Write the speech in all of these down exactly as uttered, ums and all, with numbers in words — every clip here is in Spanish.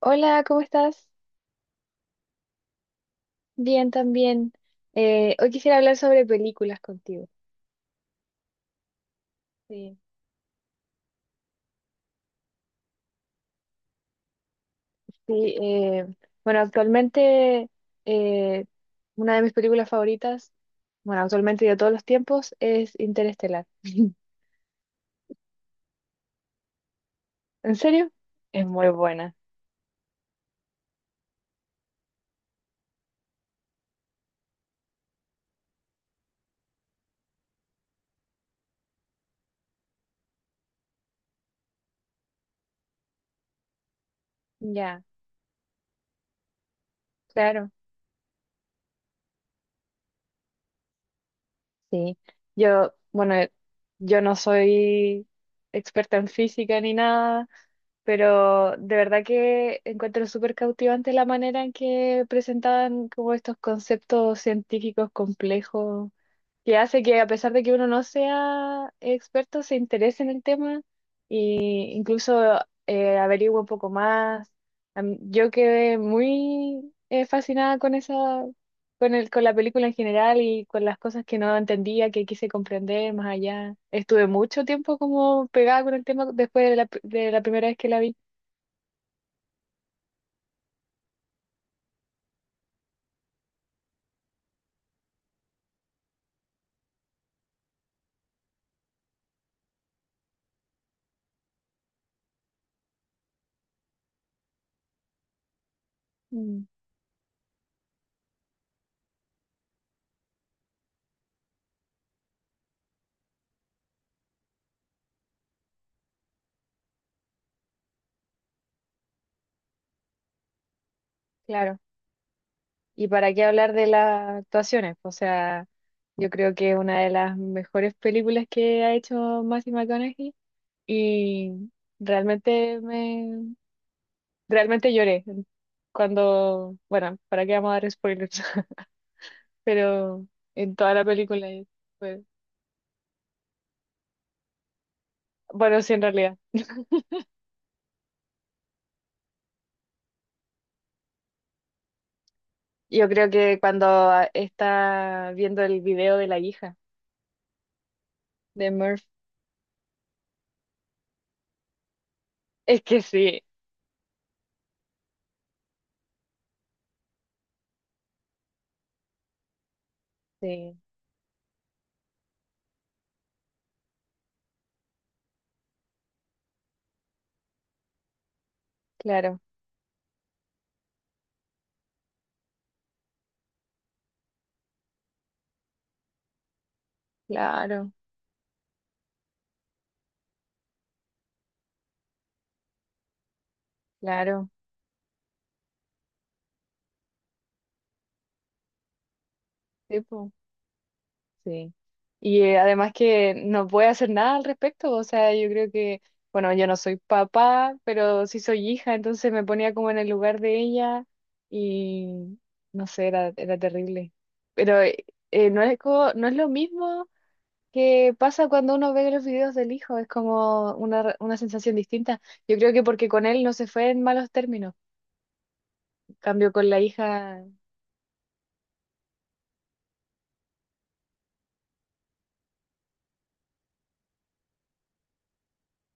Hola, ¿cómo estás? Bien, también. Eh, hoy quisiera hablar sobre películas contigo. Sí. Sí, eh, bueno, actualmente eh, una de mis películas favoritas, bueno, actualmente de todos los tiempos, es Interestelar. ¿En serio? Es muy buena. Ya, claro. Sí. Yo, bueno, yo no soy experta en física ni nada, pero de verdad que encuentro súper cautivante la manera en que presentaban como estos conceptos científicos complejos, que hace que a pesar de que uno no sea experto, se interese en el tema e incluso eh, averigüe un poco más. A mí- Yo quedé muy eh, fascinada con esa, con el, con la película en general y con las cosas que no entendía, que quise comprender más allá. Estuve mucho tiempo como pegada con el tema después de la, de la primera vez que la vi. Mm, claro. ¿Y para qué hablar de las actuaciones? O sea, yo creo que es una de las mejores películas que ha hecho Matthew McConaughey y realmente me realmente lloré cuando, bueno, ¿para qué vamos a dar spoilers? Pero en toda la película y fue- bueno, sí en realidad. Yo creo que cuando ah, está viendo el video de la hija de Murph, es que sí, sí, claro, claro, claro. Sí, po. Sí. Y eh, además que no puede hacer nada al respecto, o sea, yo creo que, bueno, yo no soy papá, pero sí soy hija, entonces me ponía como en el lugar de ella y no sé, era, era terrible. Pero eh, eh, no es co- no es lo mismo que pasa cuando uno ve los videos del hijo, es como una, re- una sensación distinta. Yo creo que porque con él no se fue en malos términos, cambio con la hija,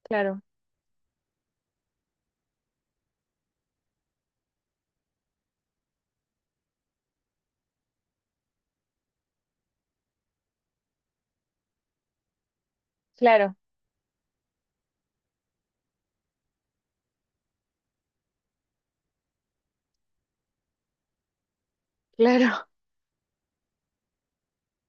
claro, claro, claro.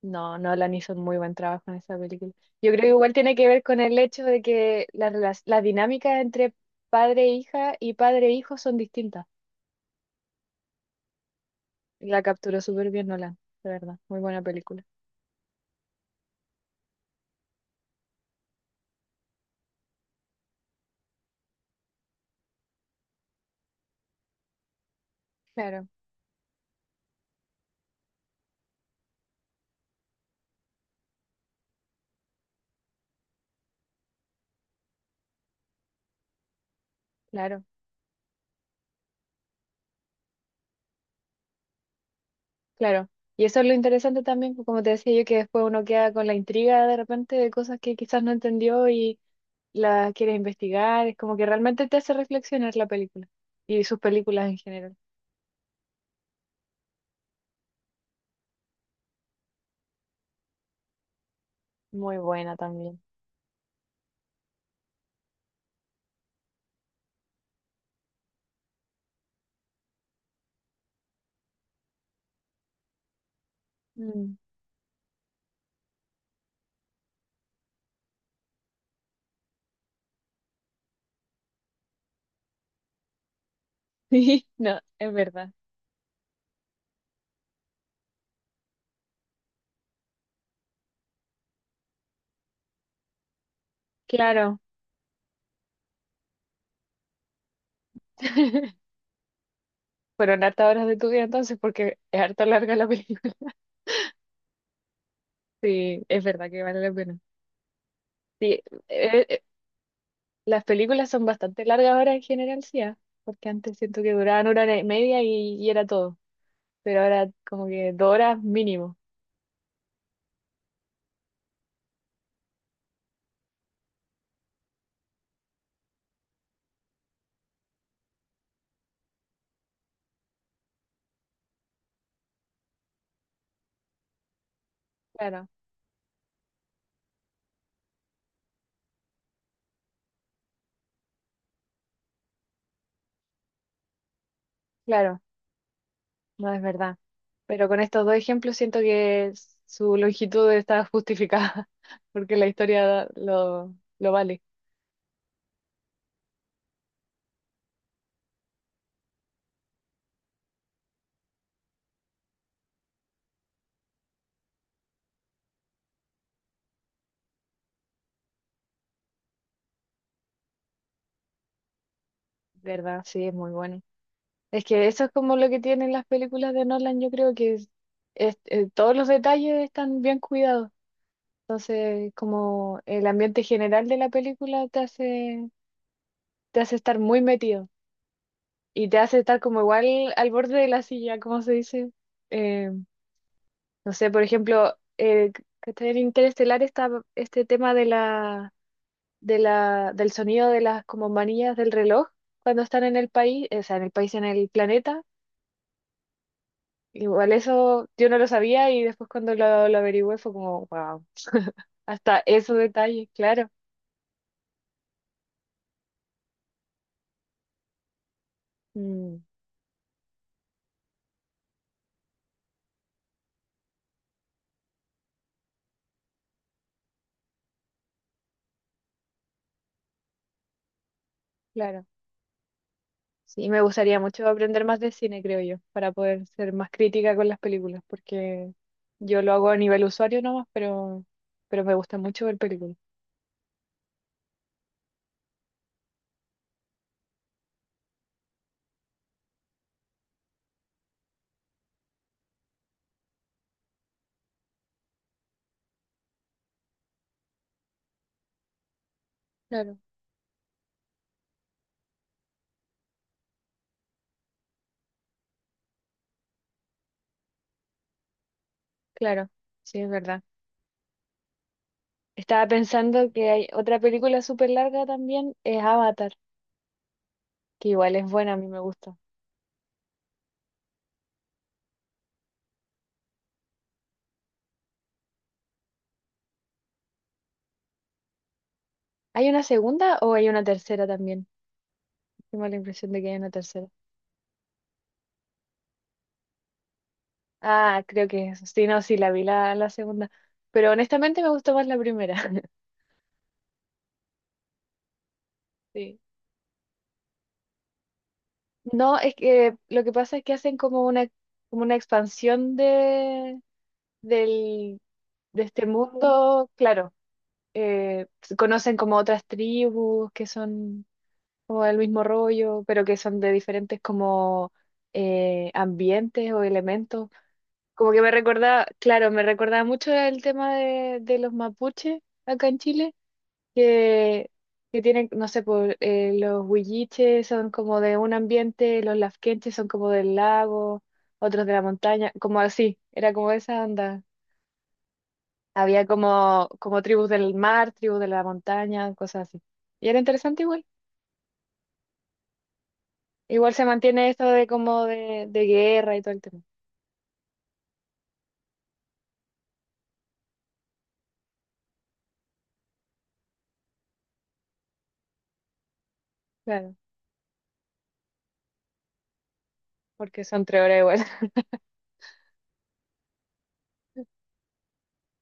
No, Nolan hizo un muy buen trabajo en esa película. Yo creo que igual tiene que ver con el hecho de que las las- las dinámicas entre padre e hija y padre e hijo son distintas. La capturó súper bien Nolan, de verdad. Muy buena película. Claro, claro, claro. Y eso es lo interesante también, pues, como te decía yo, que después uno queda con la intriga de repente de cosas que quizás no entendió y las quiere investigar. Es como que realmente te hace reflexionar la película y sus películas en general. Muy buena también. Mm. No, es verdad. Claro. Fueron hartas horas de tu vida entonces, porque es harta larga la película. Sí, es verdad que vale la pena. Sí, eh, eh, las películas son bastante largas ahora en general, sí, ah, porque antes siento que duraban una hora y media y, y era todo. Pero ahora como que dos horas mínimo. Claro, claro, no es verdad. Pero con estos dos ejemplos siento que su longitud está justificada, porque la historia lo, lo vale. ¿Verdad? Sí, es muy bueno. Es que eso es como lo que tienen las películas de Nolan, yo creo que es- es- eh, todos los detalles están bien cuidados. Entonces, como el ambiente general de la película te hace, te hace estar muy metido y te hace estar como igual al borde de la silla, como se dice. Eh, no sé, por ejemplo, eh, que está en Interestelar está este tema de la, de la, del sonido de las como manillas del reloj cuando están en el país, o sea, en el país, en el planeta. Igual eso yo no lo sabía y después cuando lo, lo averigüé fue como, wow, hasta esos detalles, claro. Mm, claro. Sí, me gustaría mucho aprender más de cine, creo yo, para poder ser más crítica con las películas, porque yo lo hago a nivel usuario nomás, pero, pero me gusta mucho ver películas. Claro, claro, sí, es verdad. Estaba pensando que hay otra película súper larga también, es Avatar, que igual es buena, a mí me gusta. ¿Hay una segunda o hay una tercera también? Tengo la impresión de que hay una tercera. Ah, creo que eso. Sí, no, sí, la vi la, la segunda. Pero honestamente me gustó más la primera. Sí. No, es que lo que pasa es que hacen como una, como una expansión de, del, de este mundo, claro. eh, se conocen como otras tribus que son como el mismo rollo, pero que son de diferentes como eh, ambientes o elementos. Como que me recordaba, claro, me recordaba mucho el tema de, de los mapuches acá en Chile que, que tienen, no sé, por, eh, los huilliches son como de un ambiente, los lafkenches son como del lago, otros de la montaña, como así, era como esa onda. Había como, como tribus del mar, tribus de la montaña, cosas así. Y era interesante igual. Igual se mantiene esto de como de, de guerra y todo el tema. Claro, porque son tres horas igual.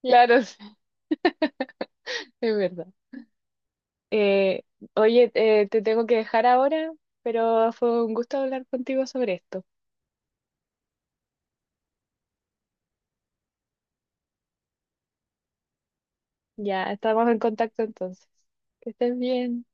Claro, sí, es verdad. Eh, oye, eh, te tengo que dejar ahora, pero fue un gusto hablar contigo sobre esto. Ya, estamos en contacto entonces. Que estés bien.